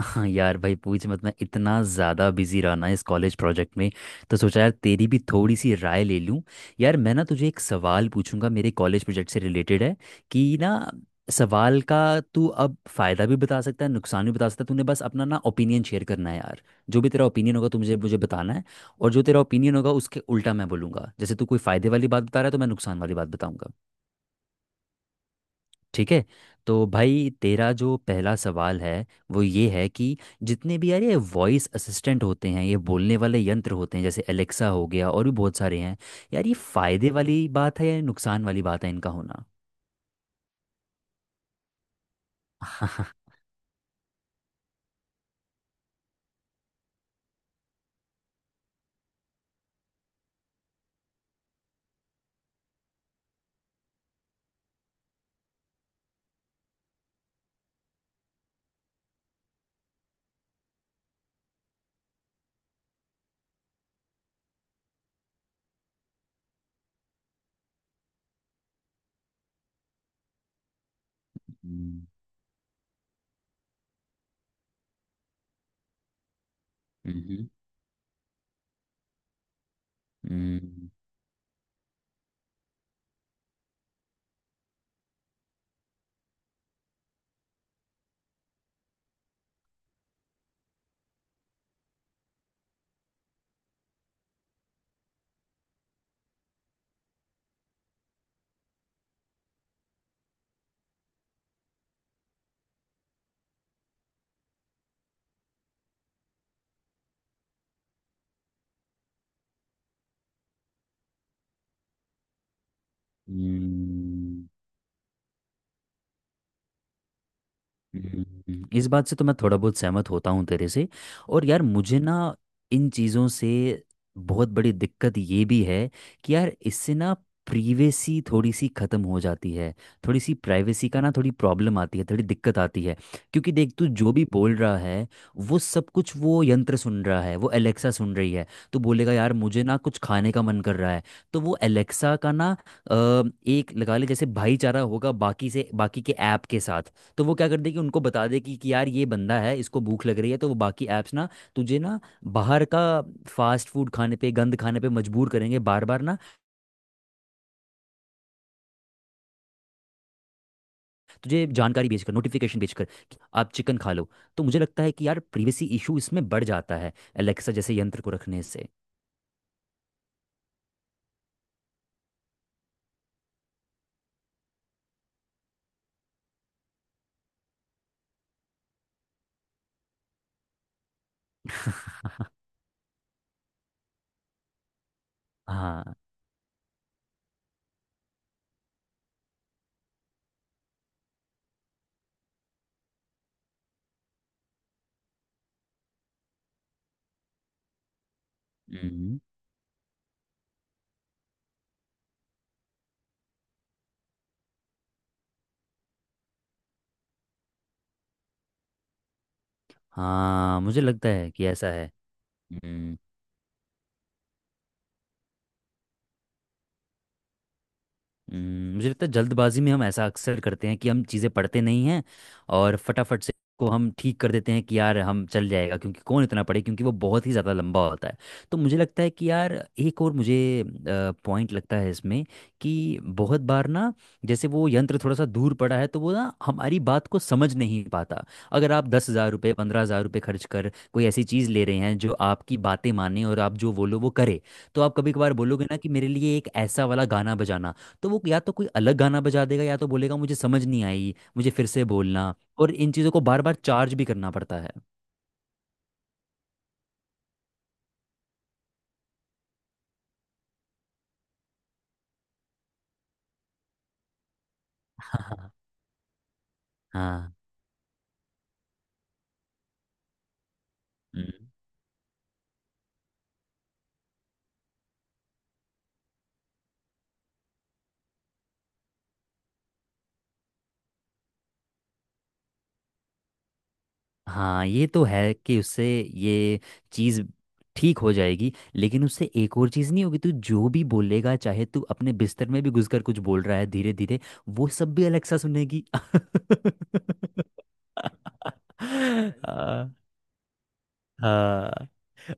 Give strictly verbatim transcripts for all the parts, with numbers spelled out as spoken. हाँ यार भाई, पूछ मत। मैं इतना ज़्यादा बिजी रहा ना इस कॉलेज प्रोजेक्ट में। तो सोचा यार तेरी भी थोड़ी सी राय ले लूँ। यार मैं ना तुझे एक सवाल पूछूंगा, मेरे कॉलेज प्रोजेक्ट से रिलेटेड है। कि ना सवाल का, तू अब फ़ायदा भी बता सकता है नुकसान भी बता सकता है। तूने बस अपना ना ओपिनियन शेयर करना है यार। जो भी तेरा ओपिनियन होगा तू मुझे मुझे बताना है। और जो तेरा ओपिनियन होगा उसके उल्टा मैं बोलूँगा, जैसे तू कोई फ़ायदे वाली बात बता रहा है तो मैं नुकसान वाली बात बताऊंगा। ठीक है। तो भाई तेरा जो पहला सवाल है वो ये है कि जितने भी यार ये वॉइस असिस्टेंट होते हैं, ये बोलने वाले यंत्र होते हैं, जैसे एलेक्सा हो गया और भी बहुत सारे हैं, यार ये फायदे वाली बात है या नुकसान वाली बात है इनका होना? हम्म। हम्म। हम्म। हम्म। हम्म। इस बात से तो मैं थोड़ा बहुत सहमत होता हूँ तेरे से। और यार मुझे ना इन चीज़ों से बहुत बड़ी दिक्कत ये भी है कि यार इससे ना प्रीवेसी थोड़ी सी ख़त्म हो जाती है। थोड़ी सी प्राइवेसी का ना थोड़ी प्रॉब्लम आती है, थोड़ी दिक्कत आती है। क्योंकि देख, तू जो भी बोल रहा है वो सब कुछ वो यंत्र सुन रहा है, वो एलेक्सा सुन रही है। तो बोलेगा यार मुझे ना कुछ खाने का मन कर रहा है, तो वो एलेक्सा का ना अ, एक लगा ले जैसे भाईचारा होगा बाकी से, बाकी के ऐप के साथ। तो वो क्या कर दे कि उनको बता दे कि, कि यार ये बंदा है, इसको भूख लग रही है। तो वो बाकी ऐप्स ना तुझे ना बाहर का फास्ट फूड खाने पे, गंद खाने पे मजबूर करेंगे बार बार ना, तुझे जानकारी भेज कर, नोटिफिकेशन भेज कर कि आप चिकन खा लो। तो मुझे लगता है कि यार प्रिवेसी इशू इसमें बढ़ जाता है एलेक्सा जैसे यंत्र को रखने से। हाँ। हम्म। हाँ, मुझे लगता है कि ऐसा है। हम्म। हम्म। मुझे लगता है जल्दबाजी में हम ऐसा अक्सर करते हैं कि हम चीज़ें पढ़ते नहीं हैं और फटाफट से को हम ठीक कर देते हैं कि यार हम चल जाएगा, क्योंकि कौन इतना पढ़े, क्योंकि वो बहुत ही ज़्यादा लंबा होता है। तो मुझे लगता है कि यार एक और मुझे पॉइंट लगता है इसमें कि बहुत बार ना जैसे वो यंत्र थोड़ा सा दूर पड़ा है तो वो ना हमारी बात को समझ नहीं पाता। अगर आप दस हज़ार रुपये, पंद्रह हज़ार रुपये खर्च कर कोई ऐसी चीज़ ले रहे हैं जो आपकी बातें माने और आप जो बोलो वो करे, तो आप कभी कभार बोलोगे ना कि मेरे लिए एक ऐसा वाला गाना बजाना, तो वो या तो कोई अलग गाना बजा देगा या तो बोलेगा मुझे समझ नहीं आई, मुझे फिर से बोलना। और इन चीज़ों को बार बार चार्ज भी करना पड़ता है। हाँ। हाँ। हम्म। हाँ, ये तो है कि उससे ये चीज़ ठीक हो जाएगी, लेकिन उससे एक और चीज़ नहीं होगी। तू जो भी बोलेगा, चाहे तू अपने बिस्तर में भी घुस कर कुछ बोल रहा है धीरे धीरे, वो सब भी अलेक्सा सुनेगी। हाँ। हाँ।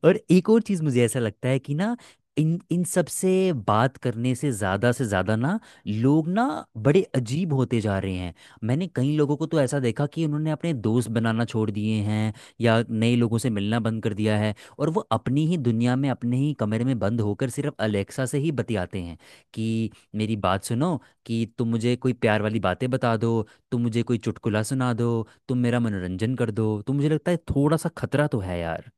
और एक और चीज मुझे ऐसा लगता है कि ना इन इन सब से बात करने से ज्यादा से ज्यादा ना लोग ना बड़े अजीब होते जा रहे हैं। मैंने कई लोगों को तो ऐसा देखा कि उन्होंने अपने दोस्त बनाना छोड़ दिए हैं या नए लोगों से मिलना बंद कर दिया है, और वो अपनी ही दुनिया में, अपने ही कमरे में बंद होकर सिर्फ अलेक्सा से ही बतियाते हैं कि मेरी बात सुनो, कि तुम मुझे कोई प्यार वाली बातें बता दो, तुम मुझे कोई चुटकुला सुना दो, तुम मेरा मनोरंजन कर दो। तो मुझे लगता है थोड़ा सा खतरा तो है यार।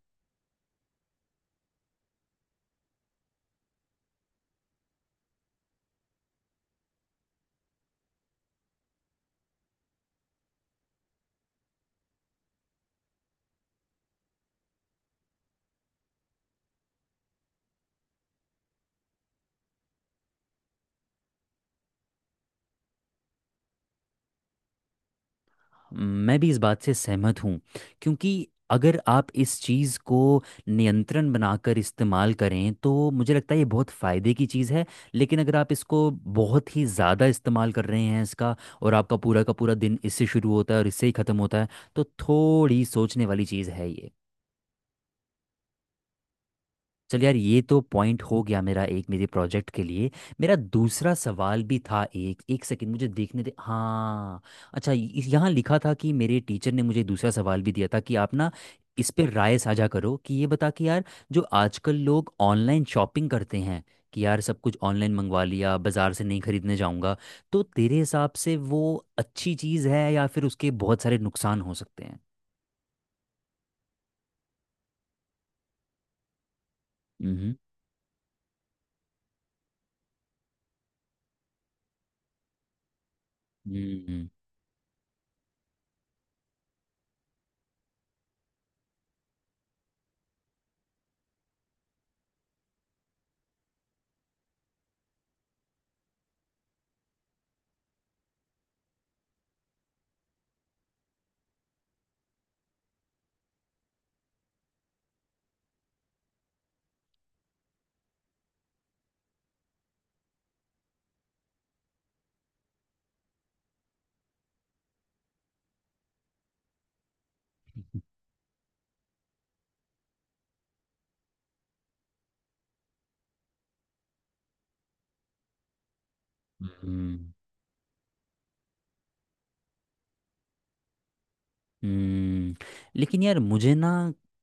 मैं भी इस बात से सहमत हूँ, क्योंकि अगर आप इस चीज़ को नियंत्रण बनाकर इस्तेमाल करें तो मुझे लगता है ये बहुत फ़ायदे की चीज़ है। लेकिन अगर आप इसको बहुत ही ज़्यादा इस्तेमाल कर रहे हैं इसका, और आपका पूरा का पूरा दिन इससे शुरू होता है और इससे ही ख़त्म होता है, तो थोड़ी सोचने वाली चीज़ है ये। चल यार, ये तो पॉइंट हो गया मेरा एक, मेरे प्रोजेक्ट के लिए। मेरा दूसरा सवाल भी था। एक एक सेकंड मुझे देखने दे। हाँ, अच्छा, य- यहाँ लिखा था कि मेरे टीचर ने मुझे दूसरा सवाल भी दिया था कि आप ना इस पे राय साझा करो, कि ये बता कि यार जो आजकल लोग ऑनलाइन शॉपिंग करते हैं कि यार सब कुछ ऑनलाइन मंगवा लिया, बाजार से नहीं खरीदने जाऊंगा, तो तेरे हिसाब से वो अच्छी चीज़ है या फिर उसके बहुत सारे नुकसान हो सकते हैं? हम्म। हम्म। हम्म। हम्म। लेकिन यार मुझे ना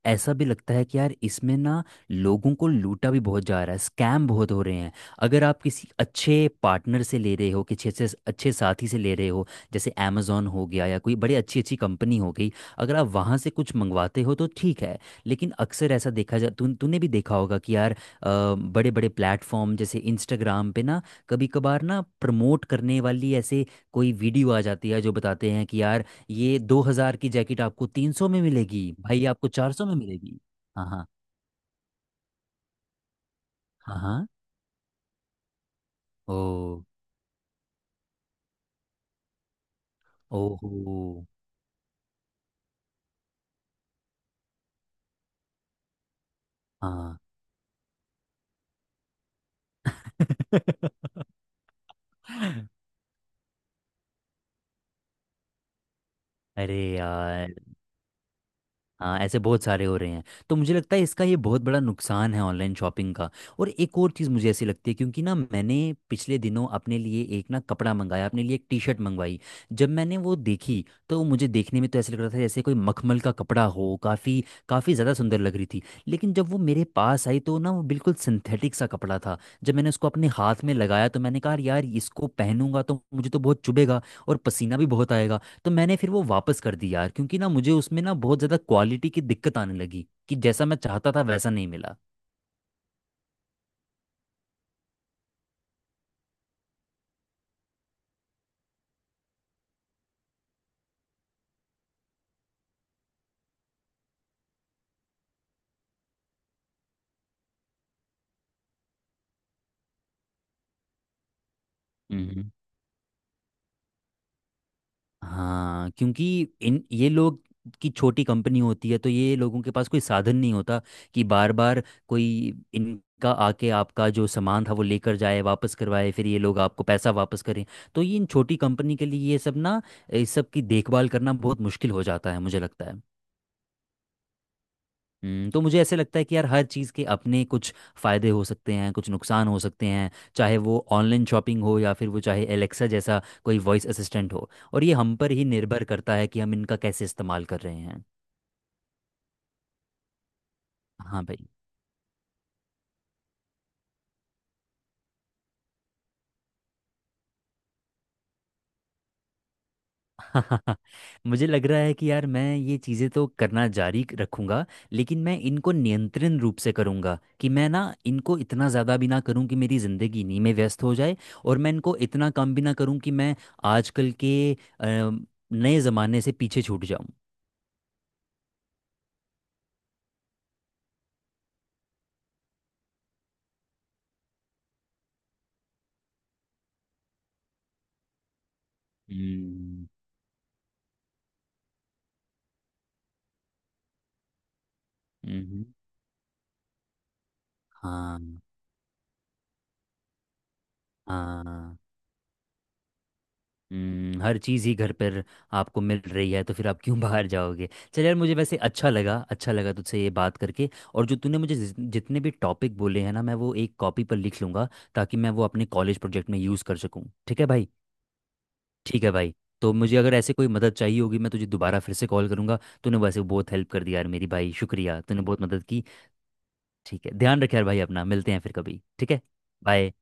ऐसा भी लगता है कि यार इसमें ना लोगों को लूटा भी बहुत जा रहा है, स्कैम बहुत हो रहे हैं। अगर आप किसी अच्छे पार्टनर से ले रहे हो, किसी अच्छे अच्छे साथी से ले रहे हो जैसे अमेजोन हो गया या कोई बड़ी अच्छी अच्छी कंपनी हो गई, अगर आप वहाँ से कुछ मंगवाते हो तो ठीक है। लेकिन अक्सर ऐसा देखा जा, तू तूने भी देखा होगा कि यार बड़े बड़े प्लेटफॉर्म जैसे इंस्टाग्राम पे ना कभी कभार ना प्रमोट करने वाली ऐसे कोई वीडियो आ जाती है जो बताते हैं कि यार ये दो हजार की जैकेट आपको तीन सौ में मिलेगी भाई, आपको चार सौ में मिलेगी। हाँ। हाँ। हाँ। हाँ। ओ। ओहो। हाँ। अरे यार। हाँ, ऐसे बहुत सारे हो रहे हैं। तो मुझे लगता है इसका ये बहुत बड़ा नुकसान है ऑनलाइन शॉपिंग का। और एक और चीज़ मुझे ऐसी लगती है क्योंकि ना मैंने पिछले दिनों अपने लिए एक ना कपड़ा मंगाया, अपने लिए एक टी शर्ट मंगवाई। जब मैंने वो देखी तो मुझे देखने में तो ऐसे लग रहा था जैसे कोई मखमल का कपड़ा हो, काफ़ी काफ़ी ज़्यादा सुंदर लग रही थी। लेकिन जब वो मेरे पास आई तो ना वो बिल्कुल सिंथेटिक सा कपड़ा था। जब मैंने उसको अपने हाथ में लगाया तो मैंने कहा यार इसको पहनूंगा तो मुझे तो बहुत चुभेगा और पसीना भी बहुत आएगा। तो मैंने फिर वो वापस कर दी यार, क्योंकि ना मुझे उसमें ना बहुत ज़्यादा क्वालिटी की दिक्कत आने लगी कि जैसा मैं चाहता था वैसा नहीं मिला। हम्म। हाँ, क्योंकि इन ये लोग की छोटी कंपनी होती है तो ये लोगों के पास कोई साधन नहीं होता कि बार बार कोई इनका आके आपका जो सामान था वो लेकर जाए, वापस करवाए, फिर ये लोग आपको पैसा वापस करें। तो ये इन छोटी कंपनी के लिए ये सब ना, इस सब की देखभाल करना बहुत मुश्किल हो जाता है, मुझे लगता है। हम्म, तो मुझे ऐसे लगता है कि यार हर चीज़ के अपने कुछ फ़ायदे हो सकते हैं, कुछ नुकसान हो सकते हैं। चाहे वो ऑनलाइन शॉपिंग हो या फिर वो चाहे एलेक्सा जैसा कोई वॉइस असिस्टेंट हो, और ये हम पर ही निर्भर करता है कि हम इनका कैसे इस्तेमाल कर रहे हैं। हाँ भाई। मुझे लग रहा है कि यार मैं ये चीज़ें तो करना जारी क- रखूंगा, लेकिन मैं इनको नियंत्रण रूप से करूंगा कि मैं ना इनको इतना ज़्यादा भी ना करूं कि मेरी ज़िंदगी इन्हीं में व्यस्त हो जाए, और मैं इनको इतना कम भी ना करूं कि मैं आजकल के अ, नए ज़माने से पीछे छूट जाऊं। हम्म। हम्म। हाँ। हाँ। हम्म, हर चीज़ ही घर पर आपको मिल रही है तो फिर आप क्यों बाहर जाओगे? चल यार, मुझे वैसे अच्छा लगा, अच्छा लगा तुझसे ये बात करके। और जो तूने मुझे जिस- जितने भी टॉपिक बोले हैं ना मैं वो एक कॉपी पर लिख लूँगा ताकि मैं वो अपने कॉलेज प्रोजेक्ट में यूज़ कर सकूँ। ठीक है भाई, ठीक है भाई। तो मुझे अगर ऐसे कोई मदद चाहिए होगी मैं तुझे दोबारा फिर से कॉल करूँगा। तूने वैसे बहुत हेल्प कर दी यार मेरी, भाई शुक्रिया, तूने बहुत मदद की। ठीक है, ध्यान रखे यार भाई अपना, मिलते हैं फिर कभी, ठीक है। बाय।